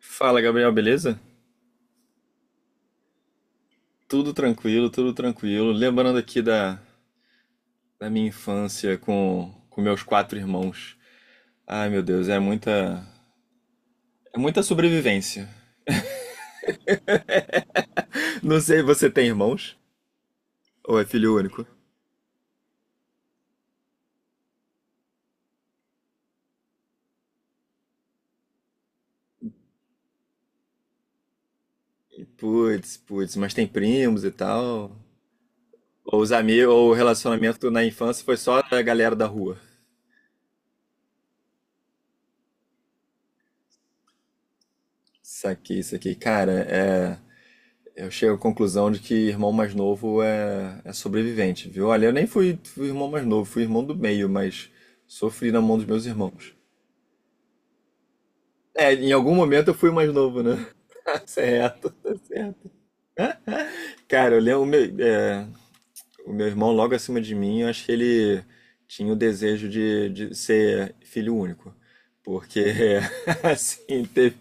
Fala, Gabriel, beleza? Tudo tranquilo, tudo tranquilo. Lembrando aqui da minha infância com meus quatro irmãos. Ai, meu Deus, é muita sobrevivência. Não sei, você tem irmãos? Ou é filho único? Putz, putz, mas tem primos e tal. Ou os amigos, ou o relacionamento na infância foi só da galera da rua. Saquei isso aqui. Cara, é. Eu chego à conclusão de que irmão mais novo é sobrevivente, viu? Olha, eu nem fui irmão mais novo, fui irmão do meio, mas sofri na mão dos meus irmãos. É, em algum momento eu fui mais novo, né? Tá certo, tá certo. Cara, eu lembro, é, o meu irmão logo acima de mim, eu acho que ele tinha o desejo de ser filho único. Porque, assim, teve,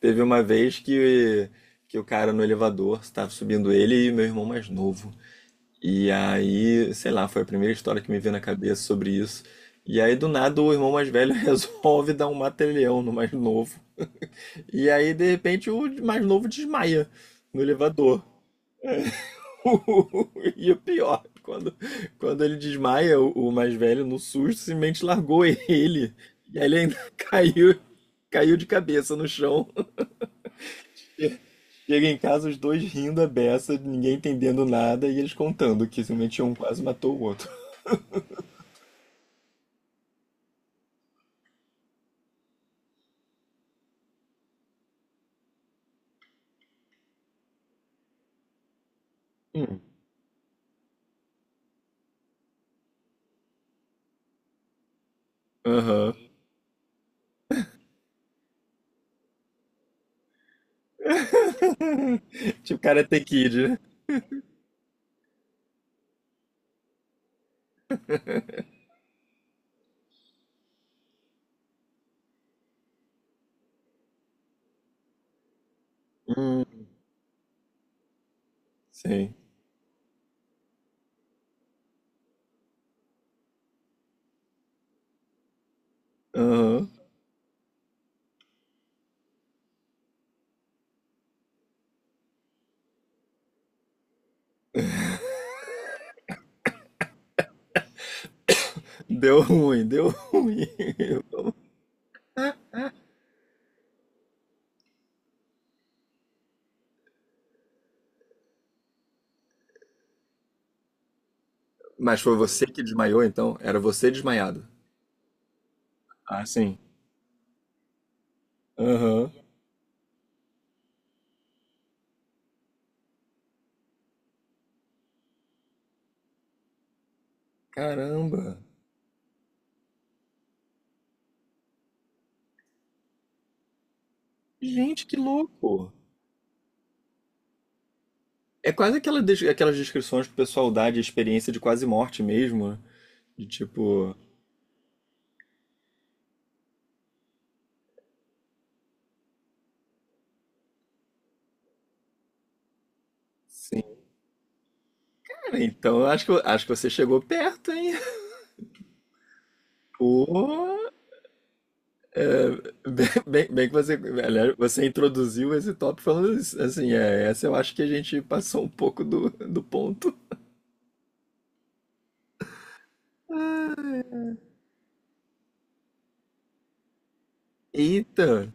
teve uma vez que o cara no elevador estava subindo ele e meu irmão mais novo. E aí, sei lá, foi a primeira história que me veio na cabeça sobre isso. E aí, do nada, o irmão mais velho resolve dar um mata-leão no mais novo. E aí, de repente, o mais novo desmaia no elevador. E o pior, quando ele desmaia, o mais velho, no susto, simplesmente largou ele. E aí ele ainda caiu, caiu de cabeça no chão. Chega em casa, os dois rindo a beça, ninguém entendendo nada, e eles contando que simplesmente um quase matou o outro. Aham. Tipo Karate Kid, né? Hum, sim. Aham. Deu ruim, deu ruim. Mas foi você que desmaiou, então? Era você desmaiado? Ah, sim. Aham. Caramba. Gente, que louco. É quase aquelas descrições que o pessoal dá de experiência de quase morte mesmo, né? De tipo. Sim. Cara, então eu acho que, acho que você chegou perto, hein? Pô. Bem, bem, bem que você, aliás, você introduziu esse tópico falando isso, assim, é, essa eu acho que a gente passou um pouco do ponto. Ah, eita!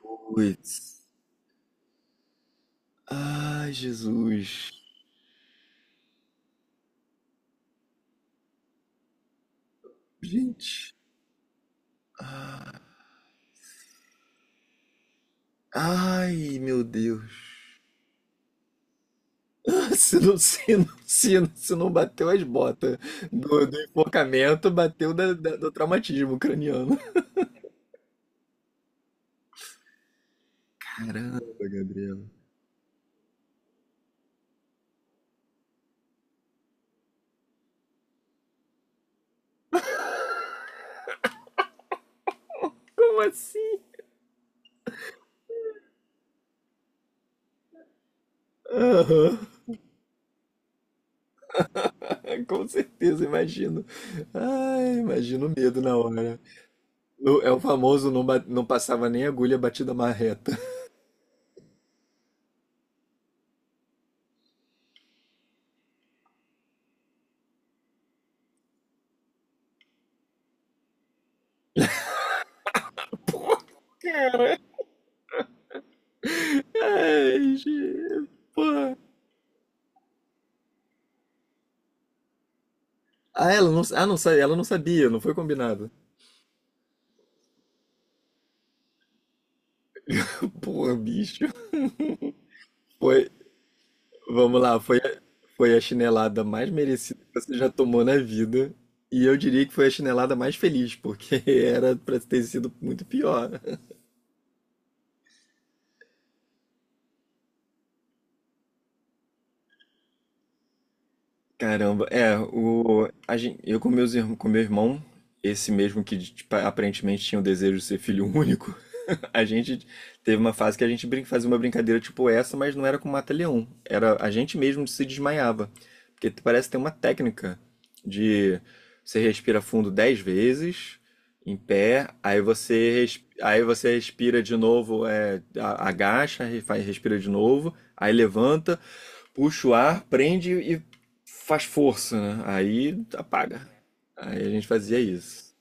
Putz. Ai, Jesus. Gente. Ah, ai, meu Deus. Se não bateu as botas do enforcamento, bateu do traumatismo craniano. Caramba, Gabriel. Como assim? Aham. É, com certeza, imagino. Ai, imagino o medo na hora. É o famoso não, não passava nem agulha batida marreta. Ai, gente, porra. Ela não sabia, não foi combinado. Porra, bicho. Foi, vamos lá, foi a chinelada mais merecida que você já tomou na vida. E eu diria que foi a chinelada mais feliz, porque era pra ter sido muito pior. Caramba, é, o, a gente, eu com, meus, irm- com meu irmão, esse mesmo que tipo, aparentemente tinha o desejo de ser filho único, a gente teve uma fase que a gente fazia uma brincadeira tipo essa, mas não era com mata-leão, era a gente mesmo se desmaiava, porque parece ter uma técnica de você respira fundo 10 vezes, em pé, aí você respira de novo, agacha, respira de novo, aí levanta. Puxa o ar, prende e faz força, né? Aí apaga. Aí a gente fazia isso.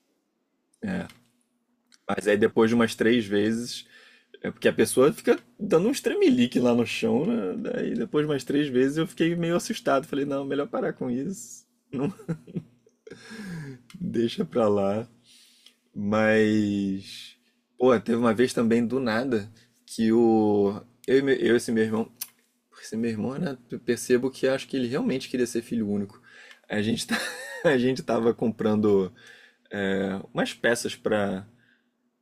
É. Mas aí depois de umas três vezes, é porque a pessoa fica dando uns tremelique lá no chão, né? Daí depois de umas três vezes eu fiquei meio assustado. Falei, não, melhor parar com isso. Não, deixa pra lá. Mas. Pô, teve uma vez também do nada que o. Eu e esse meu irmão. Porque se meu irmão era, eu percebo que acho que ele realmente queria ser filho único. A gente tá, a gente tava comprando é, umas peças para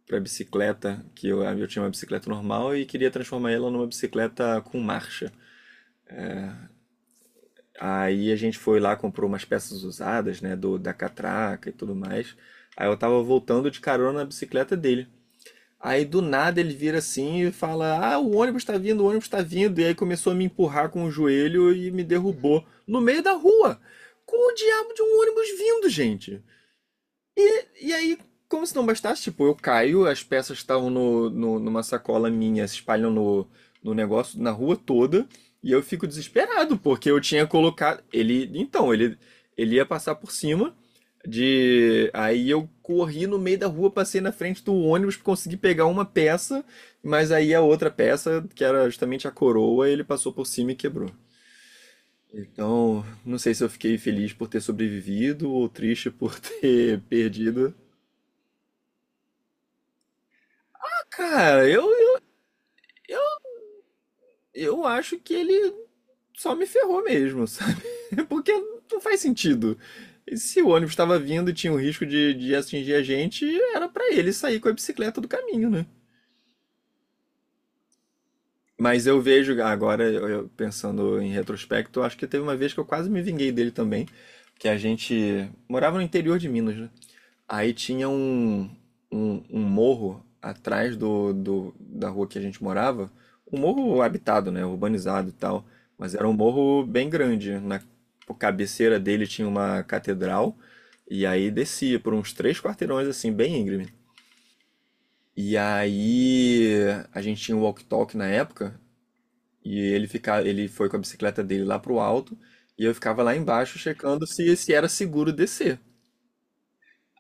bicicleta, que eu tinha uma bicicleta normal e queria transformar ela numa bicicleta com marcha. Aí a gente foi lá, comprou umas peças usadas, né, do da catraca e tudo mais. Aí eu tava voltando de carona na bicicleta dele. Aí do nada ele vira assim e fala: Ah, o ônibus tá vindo, o ônibus tá vindo. E aí começou a me empurrar com o joelho e me derrubou no meio da rua. Com o diabo de um ônibus vindo, gente. E aí, como se não bastasse, tipo, eu caio, as peças estavam numa sacola minha, se espalham no, no negócio, na rua toda, e eu fico desesperado, porque eu tinha colocado. Ele. Então, ele ia passar por cima de. Aí eu corri no meio da rua, passei na frente do ônibus, consegui pegar uma peça, mas aí a outra peça, que era justamente a coroa, ele passou por cima e quebrou. Então, não sei se eu fiquei feliz por ter sobrevivido ou triste por ter perdido. Cara, eu, eu acho que ele só me ferrou mesmo, sabe? Porque não faz sentido. E se o ônibus estava vindo e tinha o risco de atingir a gente, era pra ele sair com a bicicleta do caminho, né? Mas eu vejo agora, eu pensando em retrospecto, acho que teve uma vez que eu quase me vinguei dele também, que a gente morava no interior de Minas, né? Aí tinha um, um morro atrás do, da rua que a gente morava, um morro habitado, né, urbanizado e tal, mas era um morro bem grande. Na cabeceira dele tinha uma catedral, e aí descia por uns três quarteirões, assim, bem íngreme. E aí a gente tinha um walk-talk na época, e ele foi com a bicicleta dele lá pro alto, e eu ficava lá embaixo checando se, se era seguro descer.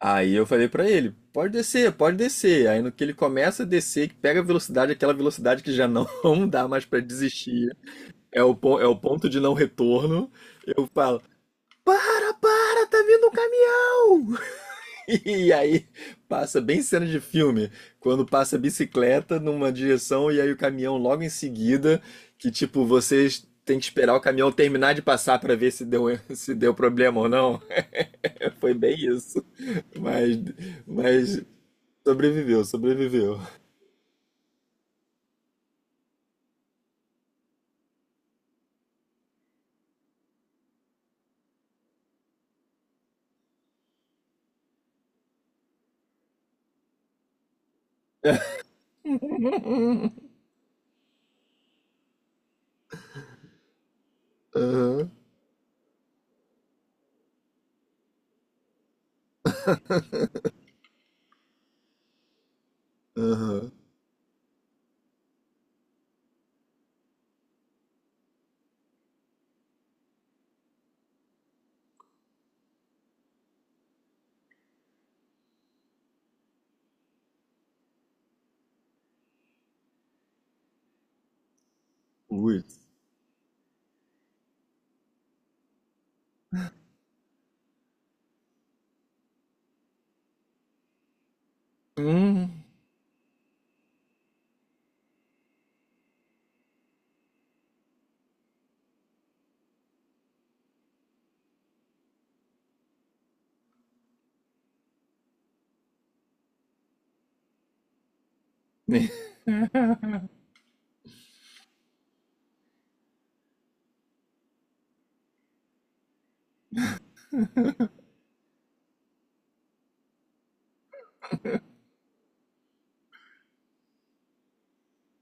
Aí eu falei pra ele, pode descer, pode descer. Aí no que ele começa a descer, que pega a velocidade, aquela velocidade que já não dá mais pra desistir, é o ponto de não retorno. Eu falo, para, para, tá vindo um caminhão! E aí passa bem cena de filme, quando passa a bicicleta numa direção e aí o caminhão logo em seguida, que tipo, vocês têm que esperar o caminhão terminar de passar pra ver se deu, se deu problema ou não. Foi bem isso. Mas, mas sobreviveu, sobreviveu. Aham. Ui. Hum.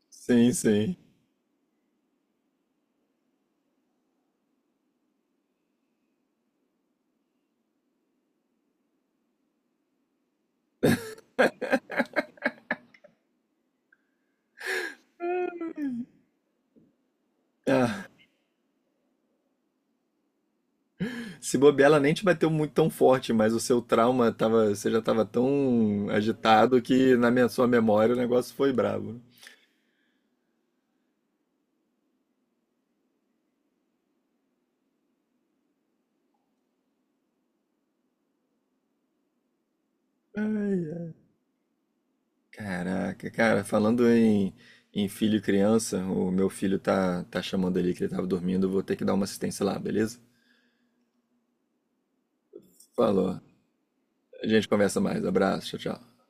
Sim, sim. Ah, se bobear, ela nem te bateu muito tão forte, mas o seu trauma tava, você já tava tão agitado que na minha, sua memória o negócio foi brabo. Ai, ai. Caraca, cara, falando em, em filho e criança, o meu filho tá chamando ali que ele tava dormindo, eu vou ter que dar uma assistência lá, beleza? Falou. A gente conversa mais. Abraço, tchau, tchau.